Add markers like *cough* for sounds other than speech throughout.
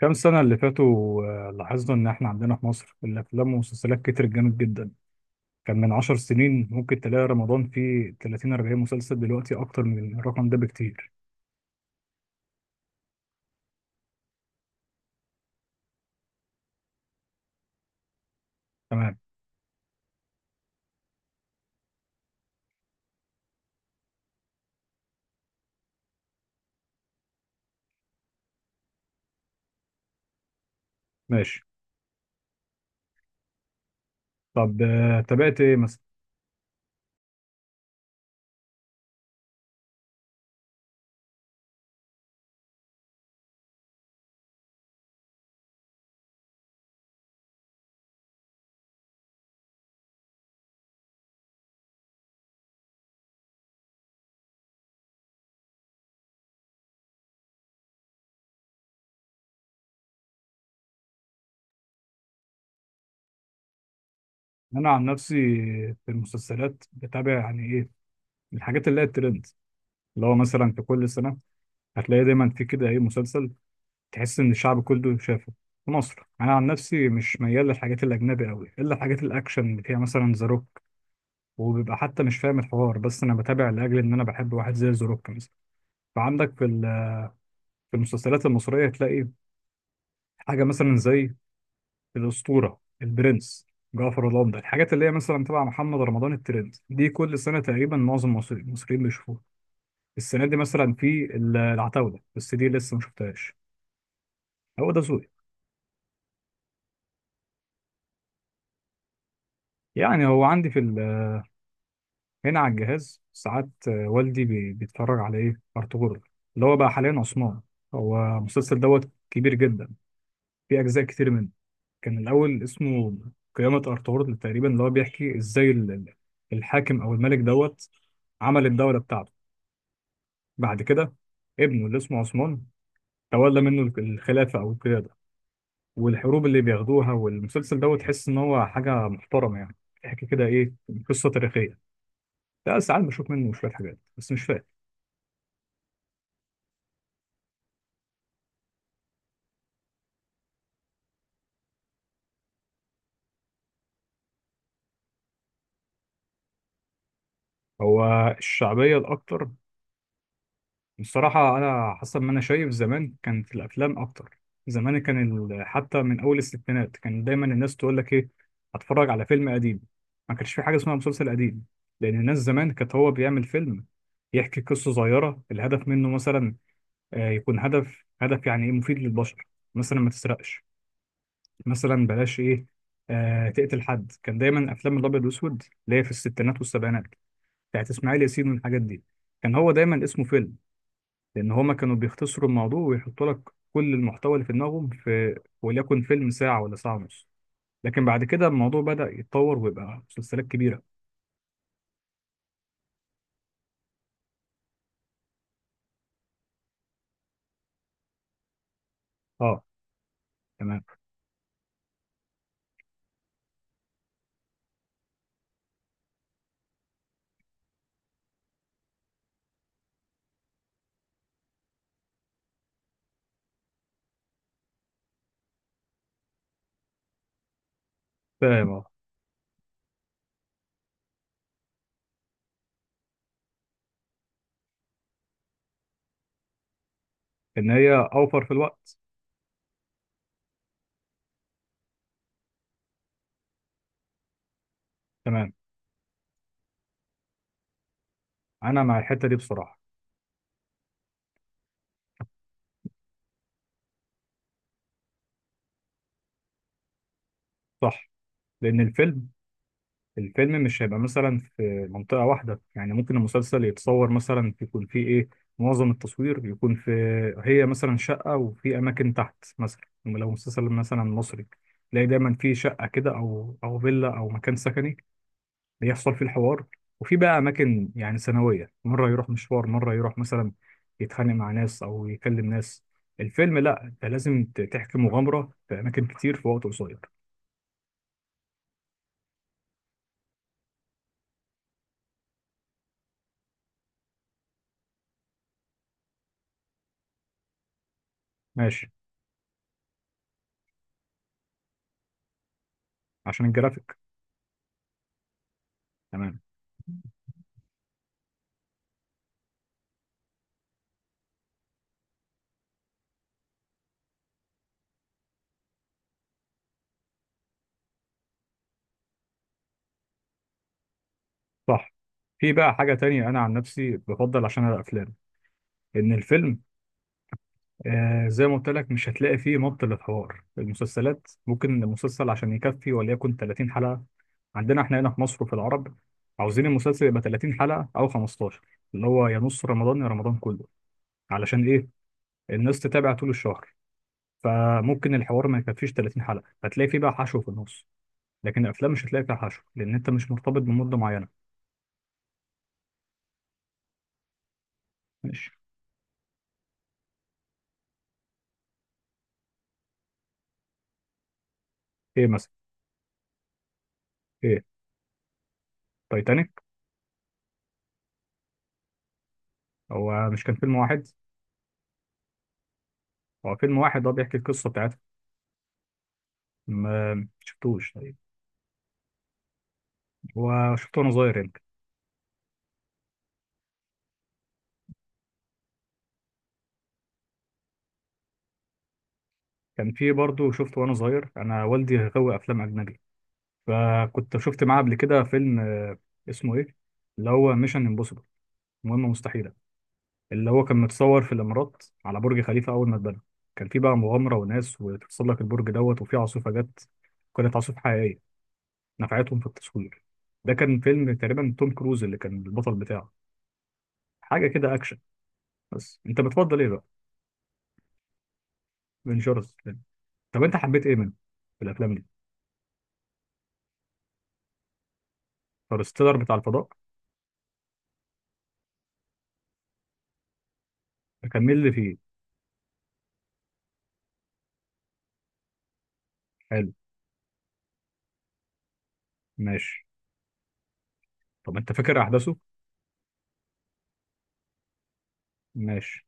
كام سنة اللي فاتوا، لاحظنا إن إحنا عندنا في مصر الأفلام والمسلسلات كترت جامد جدا. كان من 10 سنين ممكن تلاقي رمضان فيه 30 40 مسلسل، دلوقتي أكتر من الرقم ده بكتير. تمام. ماشي. طب، تابعت إيه مثلا؟ أنا عن نفسي، في المسلسلات بتابع يعني إيه، الحاجات اللي هي الترند، اللي هو مثلا في كل سنة هتلاقي دايما في كده إيه مسلسل تحس إن الشعب كله شافه. في مصر انا عن نفسي مش ميال للحاجات الاجنبي قوي، الا الحاجات الاكشن اللي فيها مثلا ذا روك، وبيبقى حتى مش فاهم الحوار، بس انا بتابع لاجل ان انا بحب واحد زي ذا روك مثلا. فعندك في المسلسلات المصريه تلاقي حاجه مثلا زي الاسطوره، البرنس، جعفر العمدة، الحاجات اللي هي مثلا تبع محمد رمضان، الترند دي كل سنه تقريبا معظم المصريين بيشوفوها. السنه دي مثلا في العتاوله، بس دي لسه ما شفتهاش. هو ده ذوقي. يعني هو عندي في هنا على الجهاز ساعات، والدي بيتفرج على ايه ارطغرل، اللي هو بقى حاليا عثمان. هو المسلسل دوت كبير جدا، في اجزاء كتير منه. كان الأول اسمه قيامة أرطغرل تقريبا، اللي هو بيحكي إزاي الحاكم أو الملك دوت عمل الدولة بتاعته. بعد كده ابنه اللي اسمه عثمان تولى منه الخلافة أو القيادة والحروب اللي بياخدوها، والمسلسل دوت تحس إن هو حاجة محترمة يعني. بيحكي كده إيه، قصة تاريخية. لا ساعات بشوف منه شوية حاجات بس مش فاهم. هو الشعبية الأكتر، بصراحة أنا حسب ما أنا شايف زمان كانت الأفلام أكتر. زمان كان حتى من أول الستينات كان دايما الناس تقول لك إيه، هتفرج على فيلم قديم. ما كانش في حاجة اسمها مسلسل قديم، لأن الناس زمان كانت هو بيعمل فيلم يحكي قصة صغيرة، الهدف منه مثلا، يكون هدف هدف يعني إيه مفيد للبشر. مثلا ما تسرقش، مثلا بلاش إيه، تقتل حد. كان دايما أفلام الأبيض والأسود اللي هي في الستينات والسبعينات بتاعت إسماعيل ياسين والحاجات دي كان هو دايما اسمه فيلم، لان هما كانوا بيختصروا الموضوع ويحطوا لك كل المحتوى اللي في دماغهم في وليكن فيلم ساعه ولا ساعه ونص. لكن بعد كده الموضوع بدأ يتطور ويبقى مسلسلات كبيره. اه. تمام. فاهم اه. ان هي اوفر في الوقت. تمام. انا مع الحته دي بصراحه. صح. لان الفيلم، الفيلم مش هيبقى مثلا في منطقة واحدة. يعني ممكن المسلسل يتصور مثلا يكون فيه ايه معظم التصوير يكون في، هي مثلا شقة وفي أماكن تحت مثلا. يعني لو مسلسل مثلا مصري تلاقي دايما في شقة كده أو فيلا أو مكان سكني بيحصل فيه الحوار، وفي بقى أماكن يعني ثانوية، مرة يروح مشوار، مرة يروح مثلا يتخانق مع ناس أو يكلم ناس. الفيلم لأ، أنت لازم تحكي مغامرة في أماكن كتير في وقت قصير. ماشي. عشان الجرافيك. تمام. صح. في بقى حاجة تانية أنا عن نفسي بفضل عشان الأفلام، إن الفيلم، زي ما قلت لك مش هتلاقي فيه مط للحوار. المسلسلات ممكن المسلسل عشان يكفي وليكن 30 حلقة، عندنا إحنا هنا في مصر وفي العرب عاوزين المسلسل يبقى 30 حلقة أو 15، اللي هو يا نص رمضان يا رمضان كله، علشان إيه، الناس تتابع طول الشهر. فممكن الحوار ما يكفيش 30 حلقة، هتلاقي فيه بقى حشو في النص. لكن الأفلام مش هتلاقي فيها حشو لأن أنت مش مرتبط بمدة معينة. ماشي. إيه مثلا؟ إيه، تايتانيك. هو مش كان فيلم واحد؟ هو فيلم واحد، هو بيحكي القصة بتاعتها. ما شفتوش. طيب. هو شفته وأنا صغير يمكن. كان في برضه شفته وأنا صغير، أنا والدي غاوي أفلام أجنبي، فكنت شفت معاه قبل كده فيلم، اسمه إيه، اللي هو ميشن امبوسيبل، مهمة مستحيلة. اللي هو كان متصور في الإمارات على برج خليفة أول ما اتبنى. كان في بقى مغامرة وناس وتتسلق البرج دوت وفي عاصفة جت، كانت عاصفة حقيقية نفعتهم في التصوير. ده كان فيلم تقريبا توم كروز اللي كان البطل بتاعه، حاجة كده أكشن. بس أنت بتفضل إيه بقى؟ بنشرز. طب انت حبيت ايه منه في الافلام دي؟ انترستيلر بتاع الفضاء، ده كان مين اللي فيه؟ حلو. ماشي. طب انت فاكر احداثه؟ ماشي.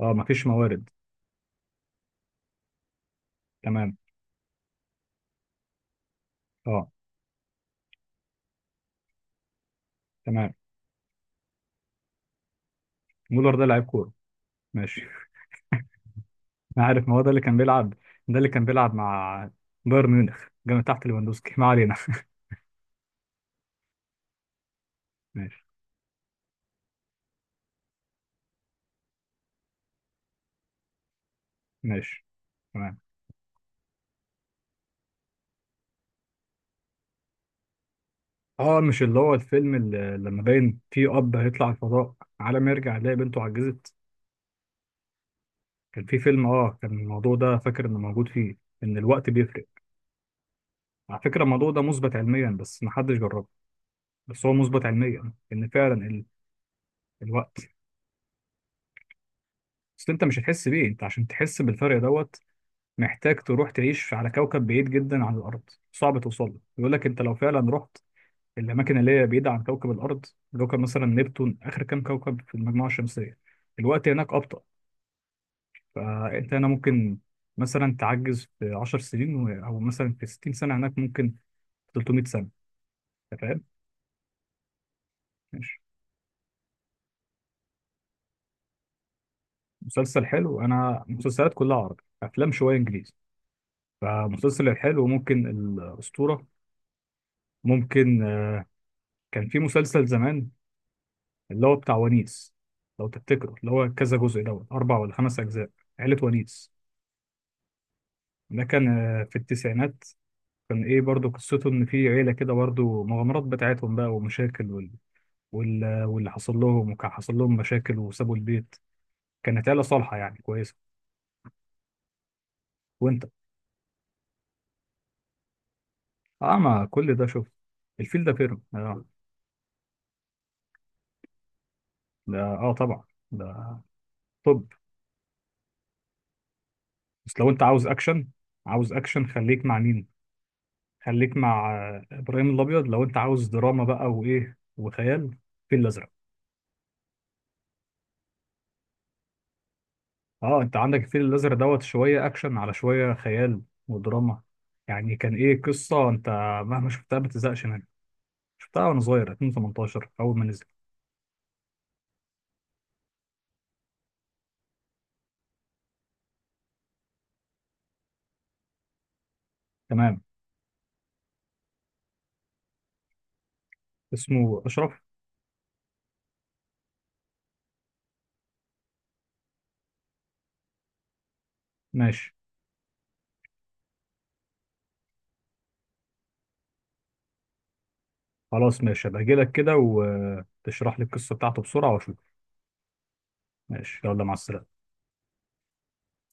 اه مفيش موارد. تمام. اه. تمام. مولر ده لعيب كوره. ماشي. *laughs* انا عارف، ما هو ده اللي كان بيلعب، ده اللي كان بيلعب مع بايرن ميونخ جنب تحت ليفاندوسكي. ما علينا. *laughs* ماشي. ماشي. تمام. اه، مش اللي هو الفيلم اللي لما باين فيه اب هيطلع الفضاء، على ما يرجع يلاقي بنته عجزت؟ كان في فيلم، كان الموضوع ده فاكر انه موجود فيه، ان الوقت بيفرق. على فكرة الموضوع ده مثبت علميا بس محدش جربه. بس هو مثبت علميا ان فعلا الوقت. اصل انت مش هتحس بيه، انت عشان تحس بالفرق دوت محتاج تروح تعيش على كوكب بعيد جدا عن الارض، صعب توصل له. بيقول لك انت لو فعلا رحت الاماكن اللي هي بعيدة عن كوكب الارض، كوكب مثلا نبتون، اخر كام كوكب في المجموعة الشمسية، الوقت هناك ابطأ. فانت هنا ممكن مثلا تعجز في 10 سنين، او مثلا في 60 سنة هناك ممكن في 300 سنة. انت فاهم؟ ماشي. مسلسل حلو، انا مسلسلات كلها عربي، افلام شويه انجليزي. فمسلسل الحلو ممكن الاسطوره، ممكن، كان في مسلسل زمان اللي هو بتاع ونيس، لو تفتكره اللي هو كذا جزء دوت اربع ولا خمس اجزاء، عيله ونيس. ده كان، في التسعينات. كان ايه برضو قصته، ان في عيله كده برضو مغامرات بتاعتهم بقى ومشاكل واللي حصل لهم، وكان حصل لهم مشاكل وسابوا البيت. كانت عيله صالحه يعني كويسه. وانت. اه ما كل ده شوف، الفيل ده فيلم آه. ده اه طبعا. ده، طب بس لو انت عاوز اكشن، عاوز اكشن خليك مع مين، خليك مع، ابراهيم الابيض. لو انت عاوز دراما بقى وايه وخيال، الفيل الازرق. اه انت عندك الفيل الازرق دوت شويه اكشن على شويه خيال ودراما. يعني كان ايه قصه انت مهما شفتها ما بتزهقش منها، شفتها وانا صغير 2018 اول ما نزل. تمام. اسمه اشرف. ماشي. خلاص، ماشي، هبقى اجي لك كده وتشرح لي القصه بتاعته بسرعه واشوف. ماشي، يلا مع السلامه.